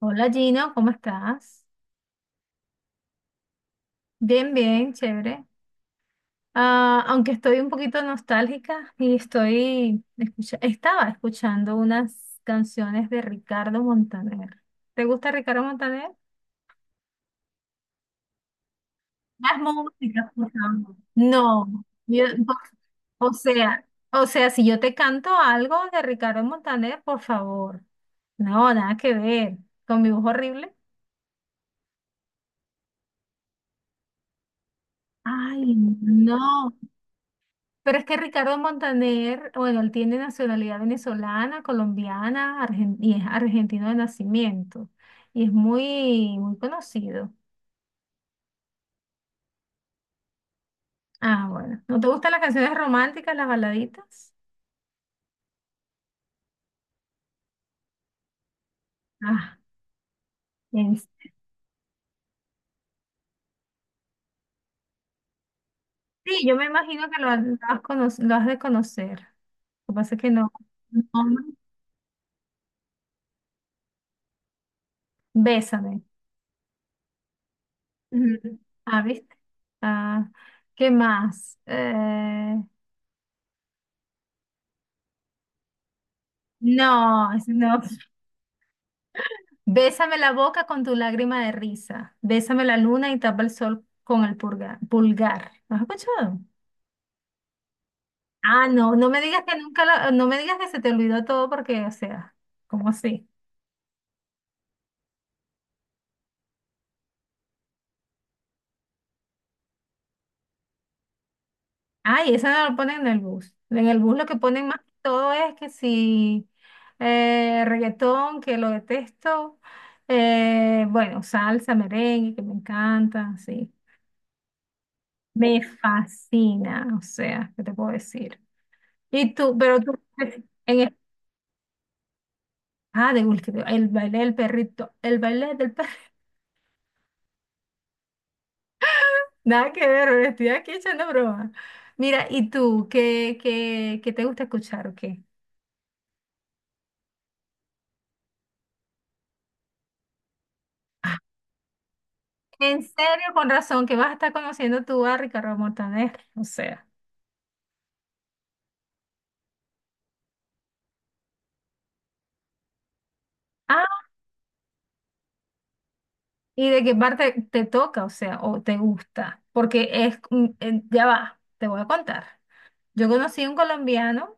Hola Gino, ¿cómo estás? Bien, bien, chévere. Ah, aunque estoy un poquito nostálgica y estaba escuchando unas canciones de Ricardo Montaner. ¿Te gusta Ricardo Montaner? Las músicas, por favor. No, o sea, o sea, si yo te canto algo de Ricardo Montaner, por favor. No, nada que ver. Con mi voz horrible. Ay, no. Pero es que Ricardo Montaner, bueno, él tiene nacionalidad venezolana, colombiana, y es argentino de nacimiento. Y es muy, muy conocido. Ah, bueno. ¿No te gustan las canciones románticas, las baladitas? Ah, bien. Sí, yo me imagino que lo has de conocer. Lo que pasa es que no. No. Bésame. Ujú. Ah, ¿viste? Ah, ¿qué más? No, no. Bésame la boca con tu lágrima de risa. Bésame la luna y tapa el sol con el pulgar. ¿Lo has escuchado? Ah, no, no me digas que nunca la- no me digas que se te olvidó todo porque, o sea, ¿cómo así? Ay, eso no lo ponen en el bus. En el bus lo que ponen más que todo es que si reggaetón, que lo detesto, bueno, salsa, merengue, que me encanta, sí. Me fascina, o sea, ¿qué te puedo decir? Y tú, pero tú, en Ah, de Will Smith, el baile del perrito, el baile del perrito. Nada que ver, me estoy aquí echando broma. Mira, ¿y tú qué te gusta escuchar o qué? En serio, con razón, que vas a estar conociendo tú a Ricardo Montaner, o sea. Ah, ¿y de qué parte te toca, o sea, o te gusta? Porque es, ya va, te voy a contar. Yo conocí a un colombiano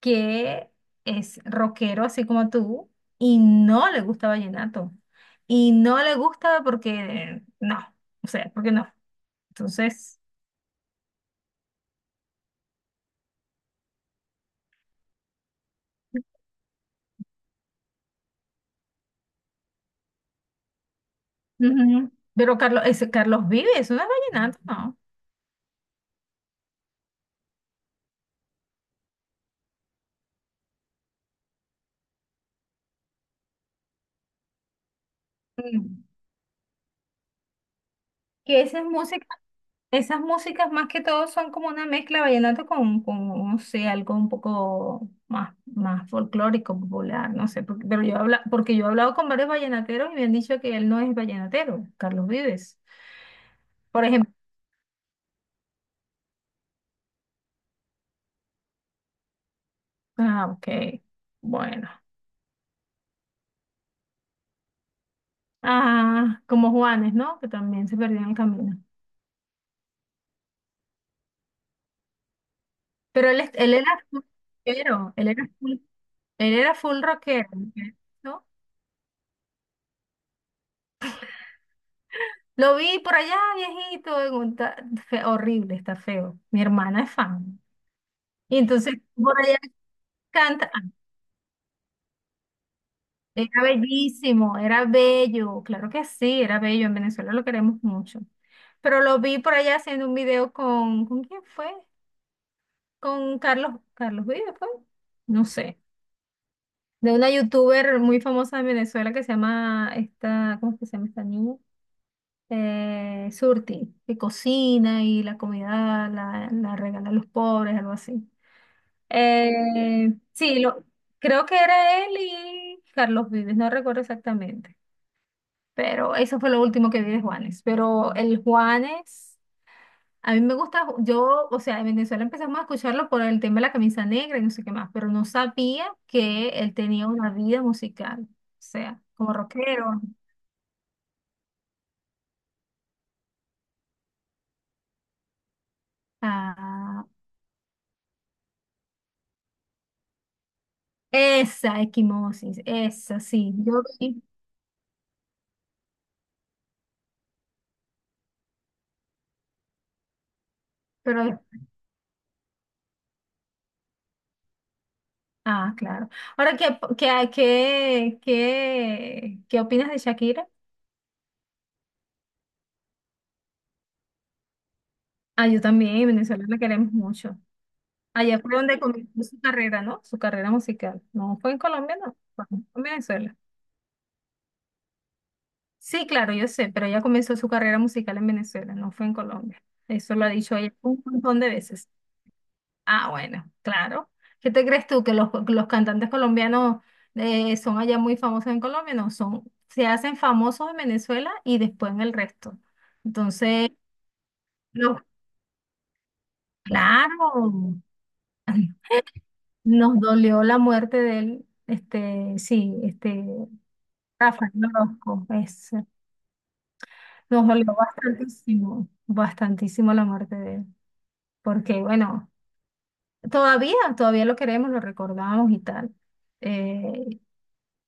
que es rockero así como tú y no le gusta vallenato. Y no le gusta porque no, o sea, porque no. Entonces, ujú. Pero Carlos, ese Carlos Vives, no es vallenato, no. Mm. Que esas músicas más que todo son como una mezcla de vallenato con, no sé, algo un poco más, más folclórico, popular, no sé, pero porque yo he hablado con varios vallenateros y me han dicho que él no es vallenatero, Carlos Vives. Por ejemplo. Ah, ok. Bueno. Ah, como Juanes, ¿no? Que también se perdió en el camino. Pero él, él era full rockero, él era full rockero, ¿no? Lo vi por allá, viejito, en un horrible, está feo. Mi hermana es fan. Y entonces por allá canta. Era bellísimo, era bello, claro que sí, era bello. En Venezuela lo queremos mucho. Pero lo vi por allá haciendo un video ¿con quién fue? Con Carlos Vives, fue. No sé. De una youtuber muy famosa de Venezuela que se llama esta, ¿cómo es que se llama esta niña? Surti, que cocina y la comida la regala a los pobres, algo así. Sí, lo, creo que era él y Carlos Vives, no recuerdo exactamente, pero eso fue lo último que vi de Juanes, pero el Juanes... A mí me gusta, yo, o sea, en Venezuela empezamos a escucharlo por el tema de la camisa negra y no sé qué más, pero no sabía que él tenía una vida musical, o sea, como rockero. Ah, esa equimosis, esa sí, yo sí, pero, claro. Ahora, ¿qué opinas de Shakira? Ah, yo también, en Venezuela la queremos mucho. Allá fue donde comenzó su carrera, ¿no? Su carrera musical. No fue en Colombia, no, fue en Venezuela. Sí, claro, yo sé, pero ella comenzó su carrera musical en Venezuela, no fue en Colombia. Eso lo ha dicho ella un montón de veces. Ah, bueno, claro. ¿Qué te crees tú? ¿Que los cantantes colombianos son allá muy famosos en Colombia? No, son, se hacen famosos en Venezuela y después en el resto. Entonces, no, claro, nos dolió la muerte de él, este, sí, este, Rafael Orozco, es, nos dolió bastantísimo, bastantísimo la muerte de él. Porque bueno, todavía, todavía lo queremos, lo recordamos y tal. Eh,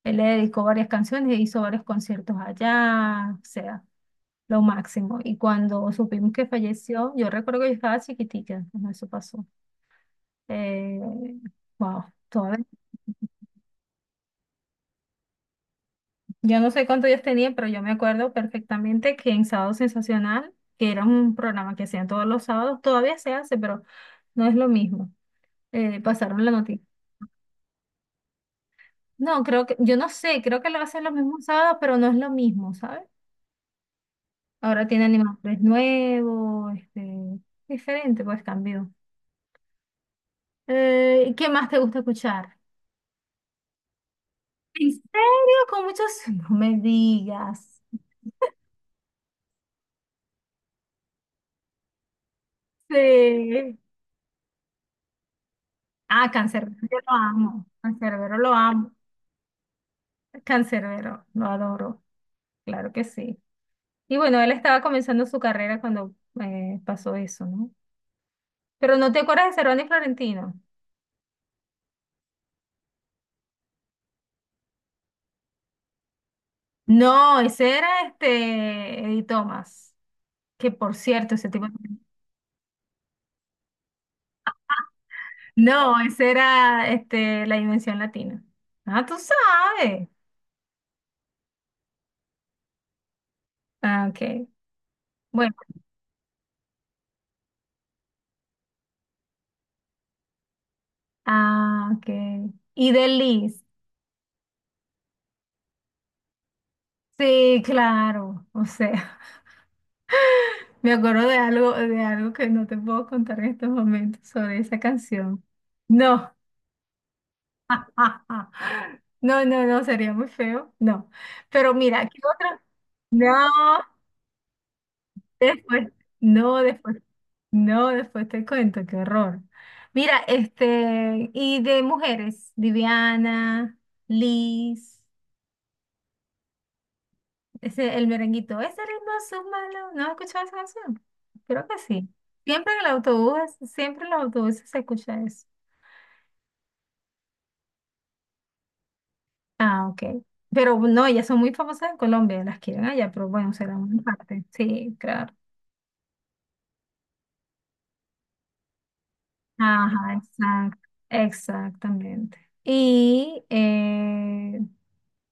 él le dedicó varias canciones, hizo varios conciertos allá, o sea, lo máximo. Y cuando supimos que falleció, yo recuerdo que yo estaba chiquitica cuando eso pasó. Eh, wow, todavía. Yo no sé cuántos días tenía, pero yo me acuerdo perfectamente que en Sábado Sensacional, que era un programa que hacían todos los sábados, todavía se hace, pero no es lo mismo. Pasaron la noticia. No, creo que, yo no sé, creo que lo hacen los mismos sábados, pero no es lo mismo, ¿sabes? Ahora tiene animadores nuevos, este, diferente, pues cambió. ¿Qué más te gusta escuchar? ¿En serio? Con muchos... No me digas. Sí. Ah, Canserbero lo amo. Canserbero lo amo. Canserbero, lo adoro. Claro que sí. Y bueno, él estaba comenzando su carrera cuando pasó eso, ¿no? Pero no te acuerdas de Cerón y Florentino. No, ese era este Eddie Thomas, que por cierto, ese tipo... No, ese era este, la dimensión latina. Ah, tú sabes. Ah, ok. Bueno, ah, ok. Y de Liz. Sí, claro. O sea, me acuerdo de algo que no te puedo contar en estos momentos sobre esa canción. No. No, no, no, sería muy feo. No. Pero mira, ¿qué otra? No. Después, no, después, no, después te cuento, qué horror. Mira, este, y de mujeres, Viviana, Liz, ese, el merenguito, ese ritmo es un malo, ¿no has escuchado esa canción? Creo que sí. Siempre en el autobús, siempre en los autobuses se escucha eso. Ah, ok. Pero no, ellas son muy famosas en Colombia, las quieren allá, pero bueno, será muy parte. Sí, claro. Ajá, exacto, exactamente. Y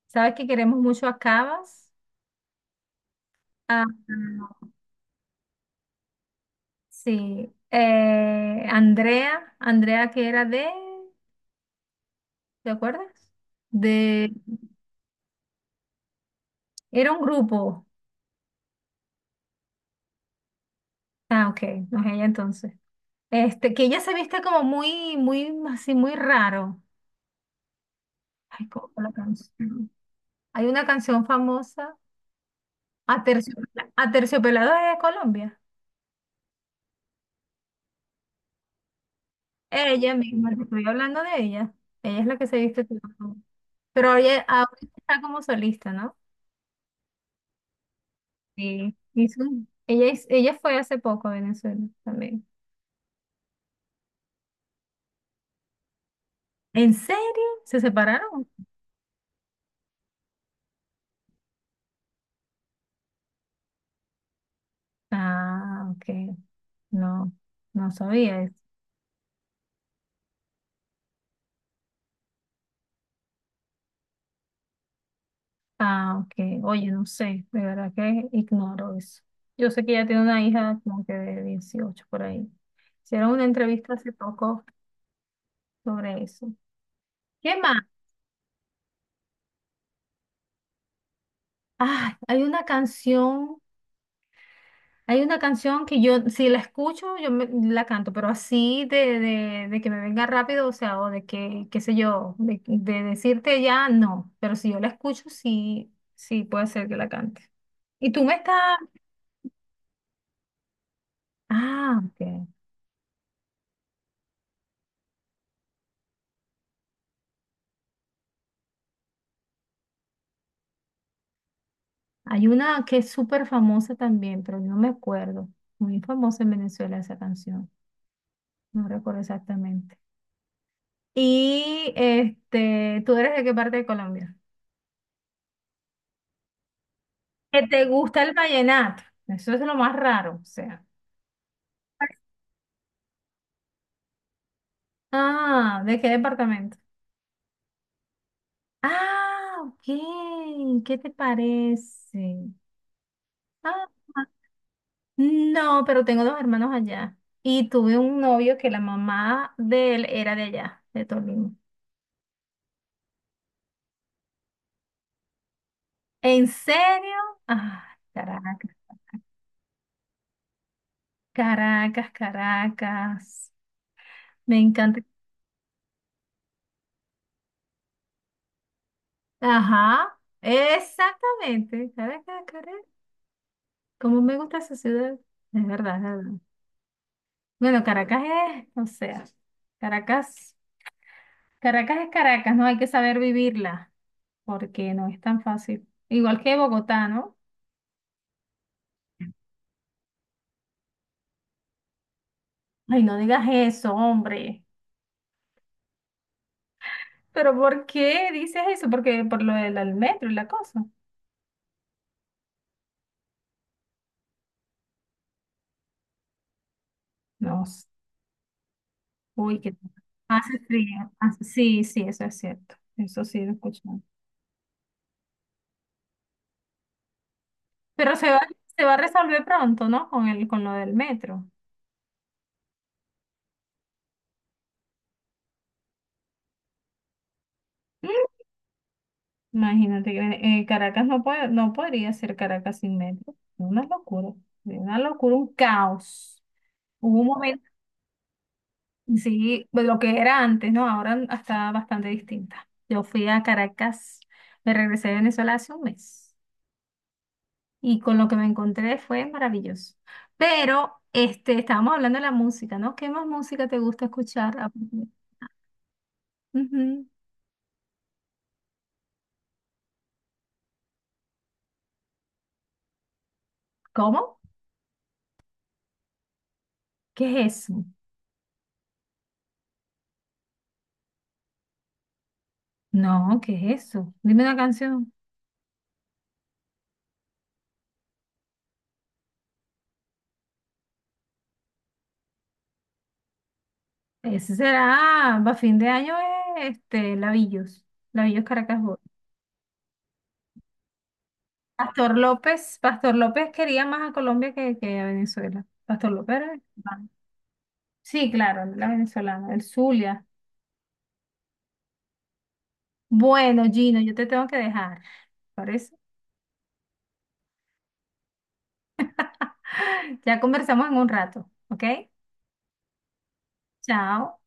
sabes que queremos mucho a Cabas, a, sí, Andrea que era de, ¿te acuerdas? De, era un grupo, ah, ok, no es ella entonces, este, que ella se viste como muy, muy, así, muy raro, ay, ¿cómo fue la canción? Hay una canción famosa, aterciopelado es de Colombia, ella misma, te estoy hablando de ella, ella es la que se viste todo, pero oye, ahorita está como solista, ¿no? Sí, ella, ella fue hace poco a Venezuela también. ¿En serio? ¿Se separaron? Ah, ok. No, no sabía eso. Ah, ok. Oye, no sé, de verdad que ignoro eso. Yo sé que ella tiene una hija como que de 18 por ahí. Hicieron una entrevista hace poco sobre eso. ¿Qué más? Ah, hay una canción. Hay una canción que yo, si la escucho, yo la canto, pero así de que me venga rápido, o sea, o de que, qué sé yo, de decirte ya, no. Pero si yo la escucho, sí, sí puede ser que la cante. Y tú me estás... Ah, ok. Hay una que es súper famosa también, pero no me acuerdo. Muy famosa en Venezuela esa canción. No recuerdo exactamente. Y este, ¿tú eres de qué parte de Colombia? Que te gusta el vallenato. Eso es lo más raro, o sea. Ah, ¿de qué departamento? Ah, ok. ¿Qué te parece? Ah, no, pero tengo dos hermanos allá. Y tuve un novio que la mamá de él era de allá, de Tolima. ¿En serio? Ah, Caracas, Caracas, Caracas. Me encanta. Ajá, exactamente. Caracas, Caracas. Cómo me gusta esa ciudad. Es verdad, es verdad. Bueno, Caracas es, o sea, Caracas. Caracas es Caracas, ¿no? Hay que saber vivirla, porque no es tan fácil. Igual que Bogotá, ¿no? Ay, no digas eso, hombre. ¿Pero por qué dices eso? Porque por lo del al metro y la cosa. No, sé. Uy, qué hace frío. Sí, sí, eso es cierto. Eso sí lo escuchamos. Pero se va a resolver pronto, ¿no? Con lo del metro. Mm, Imagínate que Caracas no podría ser Caracas sin metro. Una locura. Una locura, un caos. Hubo un momento. Sí, pues lo que era antes, ¿no? Ahora está bastante distinta. Yo fui a Caracas, me regresé de Venezuela hace un mes y con lo que me encontré fue maravilloso. Pero este, estábamos hablando de la música, ¿no? ¿Qué más música te gusta escuchar? Ah, ujú. Ujú. ¿Cómo? ¿Qué es eso? No, ¿qué es eso? Dime una canción. Ese será, a fin de año, este, Lavillos Caracas. Pastor López quería más a Colombia que a Venezuela. Pastor López era venezolano. Sí, claro, la venezolana, el Zulia. Bueno, Gino, yo te tengo que dejar. Por eso, ya conversamos en un rato, ¿ok? Chao.